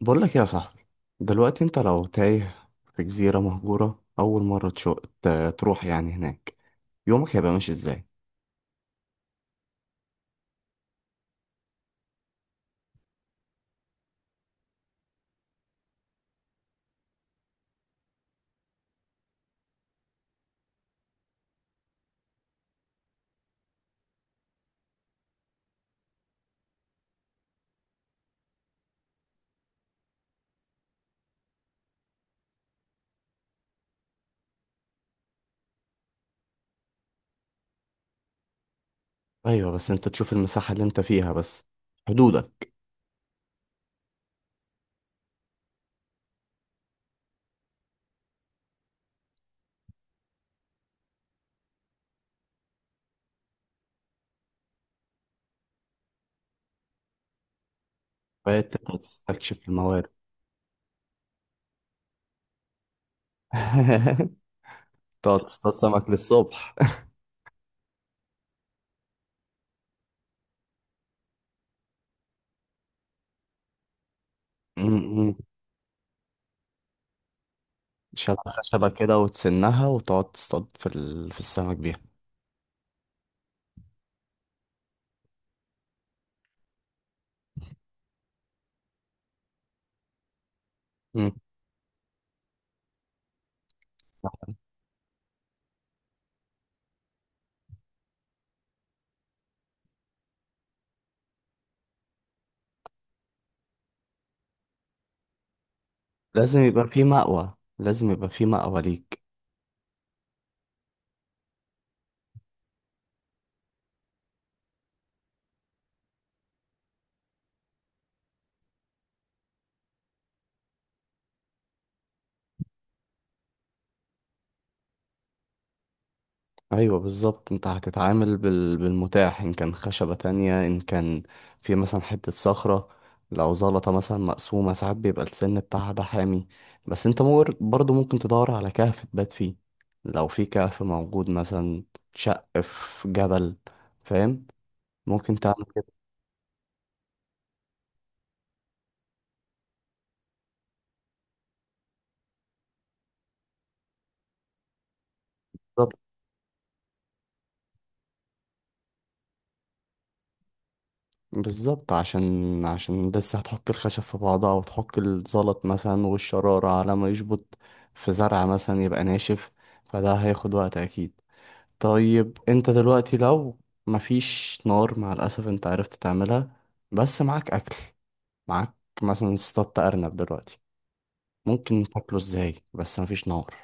بقول لك يا صاحبي، دلوقتي انت لو تايه في جزيرة مهجورة أول مرة تروح يعني هناك، يومك هيبقى ماشي ازاي؟ أيوة بس انت تشوف المساحة اللي انت فيها بس، حدودك. فتبدأ تستكشف الموارد. تقعد تصطاد سمك للصبح. م. شبكة خشبة كده وتسنها وتقعد تصطاد في السمك بيها. م. لازم يبقى في مأوى ليك. ايوه بالظبط، انت هتتعامل بالمتاح، ان كان خشبة تانية، ان كان في مثلا حتة صخرة. لو زلطة مثلا مقسومة، ساعات بيبقى السن بتاعها ده حامي. بس انت برضو ممكن تدور على كهف تبات فيه. لو في كهف موجود مثلا، شق في جبل، فاهم؟ ممكن تعمل كده. بالظبط بالظبط، عشان لسه هتحك الخشب في بعضها، وتحك الزلط مثلا، والشرارة على ما يشبط في زرع مثلا يبقى ناشف. فده هياخد وقت اكيد. طيب، انت دلوقتي لو مفيش نار مع الأسف انت عرفت تعملها، بس معاك أكل، معاك مثلا اصطادت أرنب دلوقتي، ممكن تاكله ازاي بس مفيش نار؟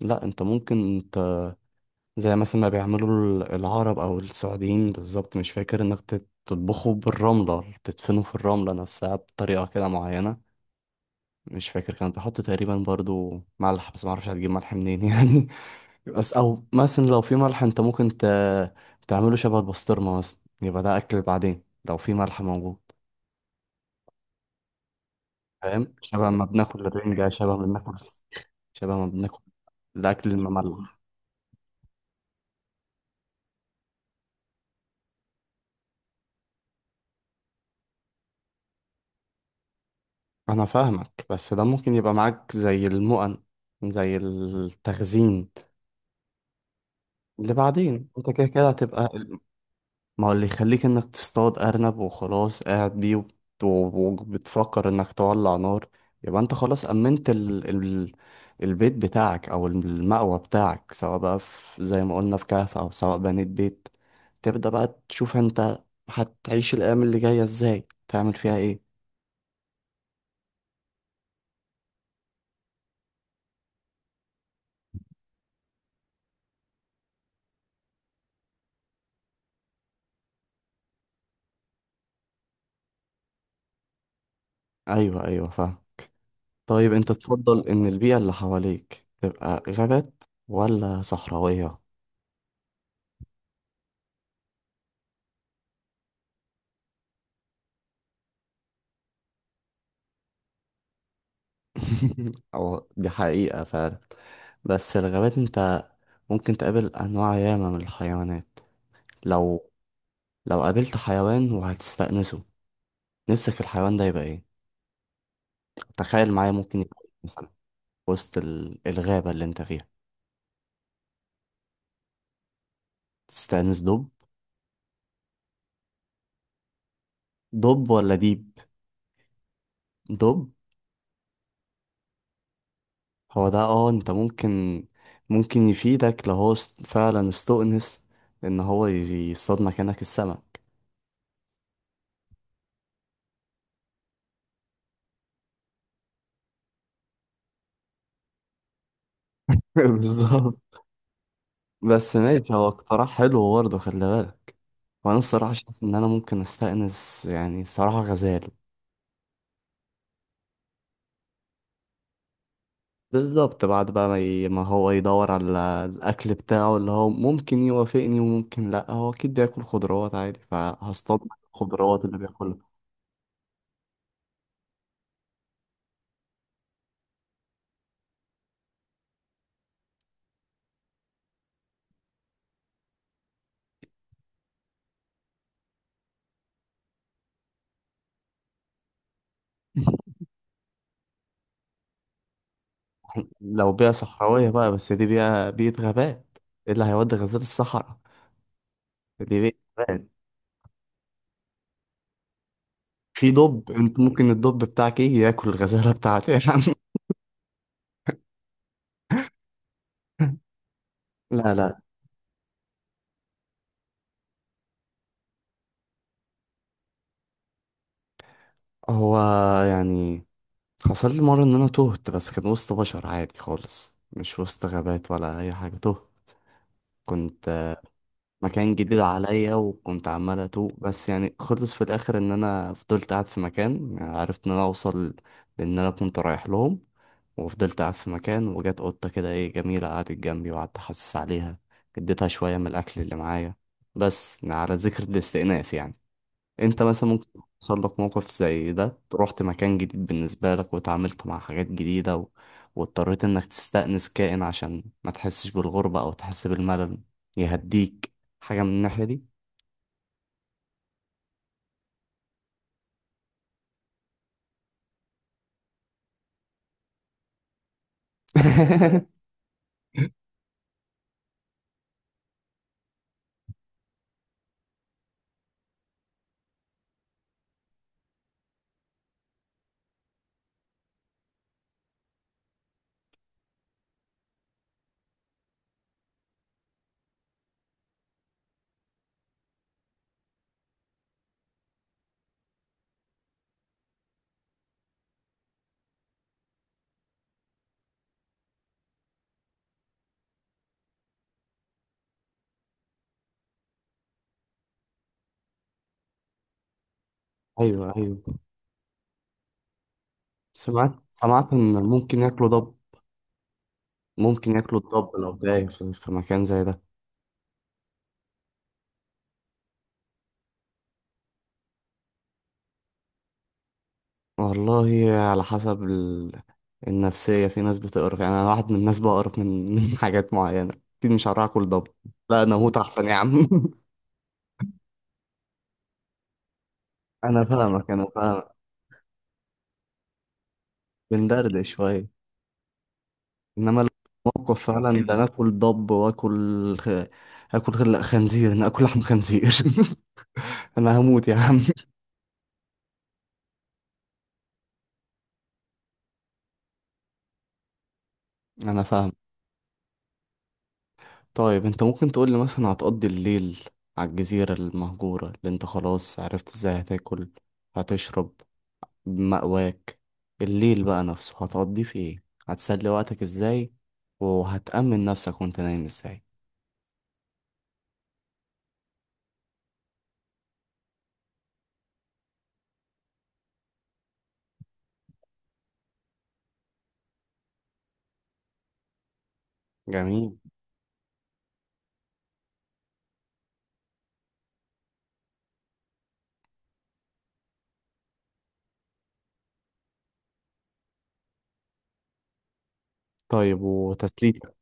لا، انت ممكن، انت زي مثلا ما بيعملوا العرب او السعوديين، بالظبط مش فاكر، انك تطبخه بالرملة، تدفنه في الرملة نفسها بطريقة كده معينة. مش فاكر، كان بيحطوا تقريبا برضو ملح، بس معرفش هتجيب ملح منين يعني. بس او مثلا لو في ملح انت ممكن تعمله شبه البسطرمه مثلا، يبقى ده اكل بعدين لو في ملح موجود. فاهم؟ شبه ما بناكل الرنجة، شبه ما بناكل الفسيخ، شبه ما بناكل الاكل المملح. انا فاهمك، بس ده ممكن يبقى معاك زي المؤن، زي التخزين، اللي بعدين انت كده كده هتبقى. ما هو اللي يخليك انك تصطاد ارنب وخلاص قاعد بيه، وبتفكر انك تولع نار، يبقى انت خلاص امنت البيت بتاعك او المأوى بتاعك، سواء بقى في زي ما قلنا في كهف، او سواء بنيت بيت. تبدأ بقى تشوف انت هتعيش الايام اللي جاية ازاي، تعمل فيها ايه. ايوه، ايوه، فاهم. طيب انت تفضل ان البيئة اللي حواليك تبقى غابات ولا صحراوية؟ او دي حقيقة فعلا. بس الغابات انت ممكن تقابل أنواع ياما من الحيوانات. لو لو قابلت حيوان وهتستأنسه، نفسك الحيوان ده يبقى إيه؟ تخيل معايا، ممكن يبقى إيه مثلا وسط الغابة اللي أنت فيها؟ تستأنس دب؟ دب ولا ديب؟ دب. هو ده، اه أنت ممكن يفيدك لو هو فعلا استؤنس، إن هو يصطاد مكانك السمك. بالظبط. بس ماشي، هو اقتراح حلو برضه، خلي بالك. وأنا الصراحة شايف إن أنا ممكن أستأنس يعني، الصراحة، غزال. بالظبط، بعد بقى ما هو يدور على الأكل بتاعه، اللي هو ممكن يوافقني وممكن لأ، هو أكيد بياكل خضروات عادي، فهصطاد الخضروات اللي بياكلها. لو بيئة صحراوية بقى، بس دي بيئة غابات. إيه اللي هيودي غزالة الصحراء، دي بيئة غابات. في دب، انت ممكن الدب بتاعك ايه ياكل الغزالة بتاعتي يا عم. لا، لا. هو يعني حصل لي مرة ان انا تهت، بس كان وسط بشر عادي خالص، مش وسط غابات ولا اي حاجة. تهت، كنت مكان جديد عليا، وكنت عمال اتوه، بس يعني خلص في الاخر ان انا فضلت قاعد في مكان، يعني عرفت ان انا اوصل، لان انا كنت رايح لهم. وفضلت قاعد في مكان، وجت قطة كده ايه جميلة، قعدت جنبي، وقعدت احسس عليها، اديتها شوية من الاكل اللي معايا. بس يعني على ذكر الاستئناس يعني، انت مثلا ممكن يحصل لك موقف زي ده، رحت مكان جديد بالنسبة لك، وتعاملت مع حاجات جديدة و... واضطريت انك تستأنس كائن عشان ما تحسش بالغربة او تحس بالملل، يهديك حاجة من الناحية دي. ايوه، ايوه. سمعت ان ممكن ياكلوا ضب، ممكن ياكلوا الضب لو تايه في مكان زي ده. والله على حسب النفسية، في ناس بتقرف يعني، انا واحد من الناس بقرف من من حاجات معينة. اكيد مش هروح اكل ضب. لا، انا اموت احسن يا عم. انا فاهمك، انا فاهمك، بندردش شويه. انما لو موقف فعلا، ده انا اكل ضب، اكل خنزير، انا اكل لحم خنزير. انا هموت يا عم. انا فاهم. طيب انت ممكن تقول لي مثلا هتقضي الليل على الجزيره المهجوره اللي انت خلاص عرفت ازاي هتاكل، هتشرب، مأواك؟ الليل بقى نفسه هتقضيه في ايه، هتسلي وقتك ازاي، وهتأمن نفسك وانت نايم ازاي؟ جميل. طيب وتسليتك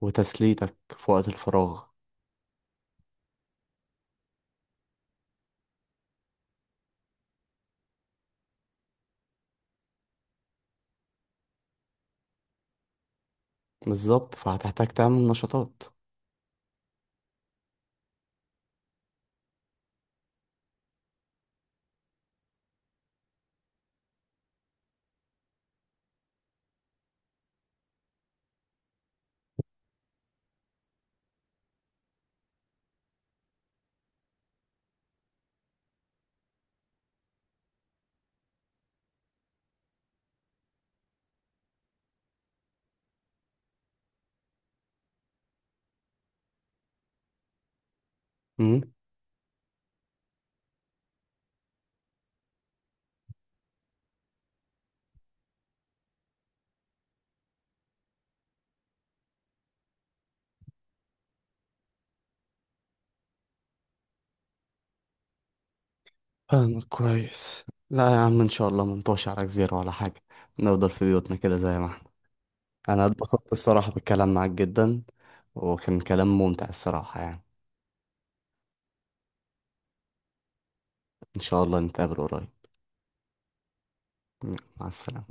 وتسليتك في وقت الفراغ. بالظبط، فهتحتاج تعمل نشاطات. امم. فاهمك كويس. لا يا عم ان شاء الله منطوش على جزيرة ولا حاجة، نفضل في بيوتنا كده زي ما احنا. انا اتبسطت الصراحة بالكلام معاك جدا، وكان كلام ممتع الصراحة يعني. ان شاء الله نتقابل قريب. مع السلامة.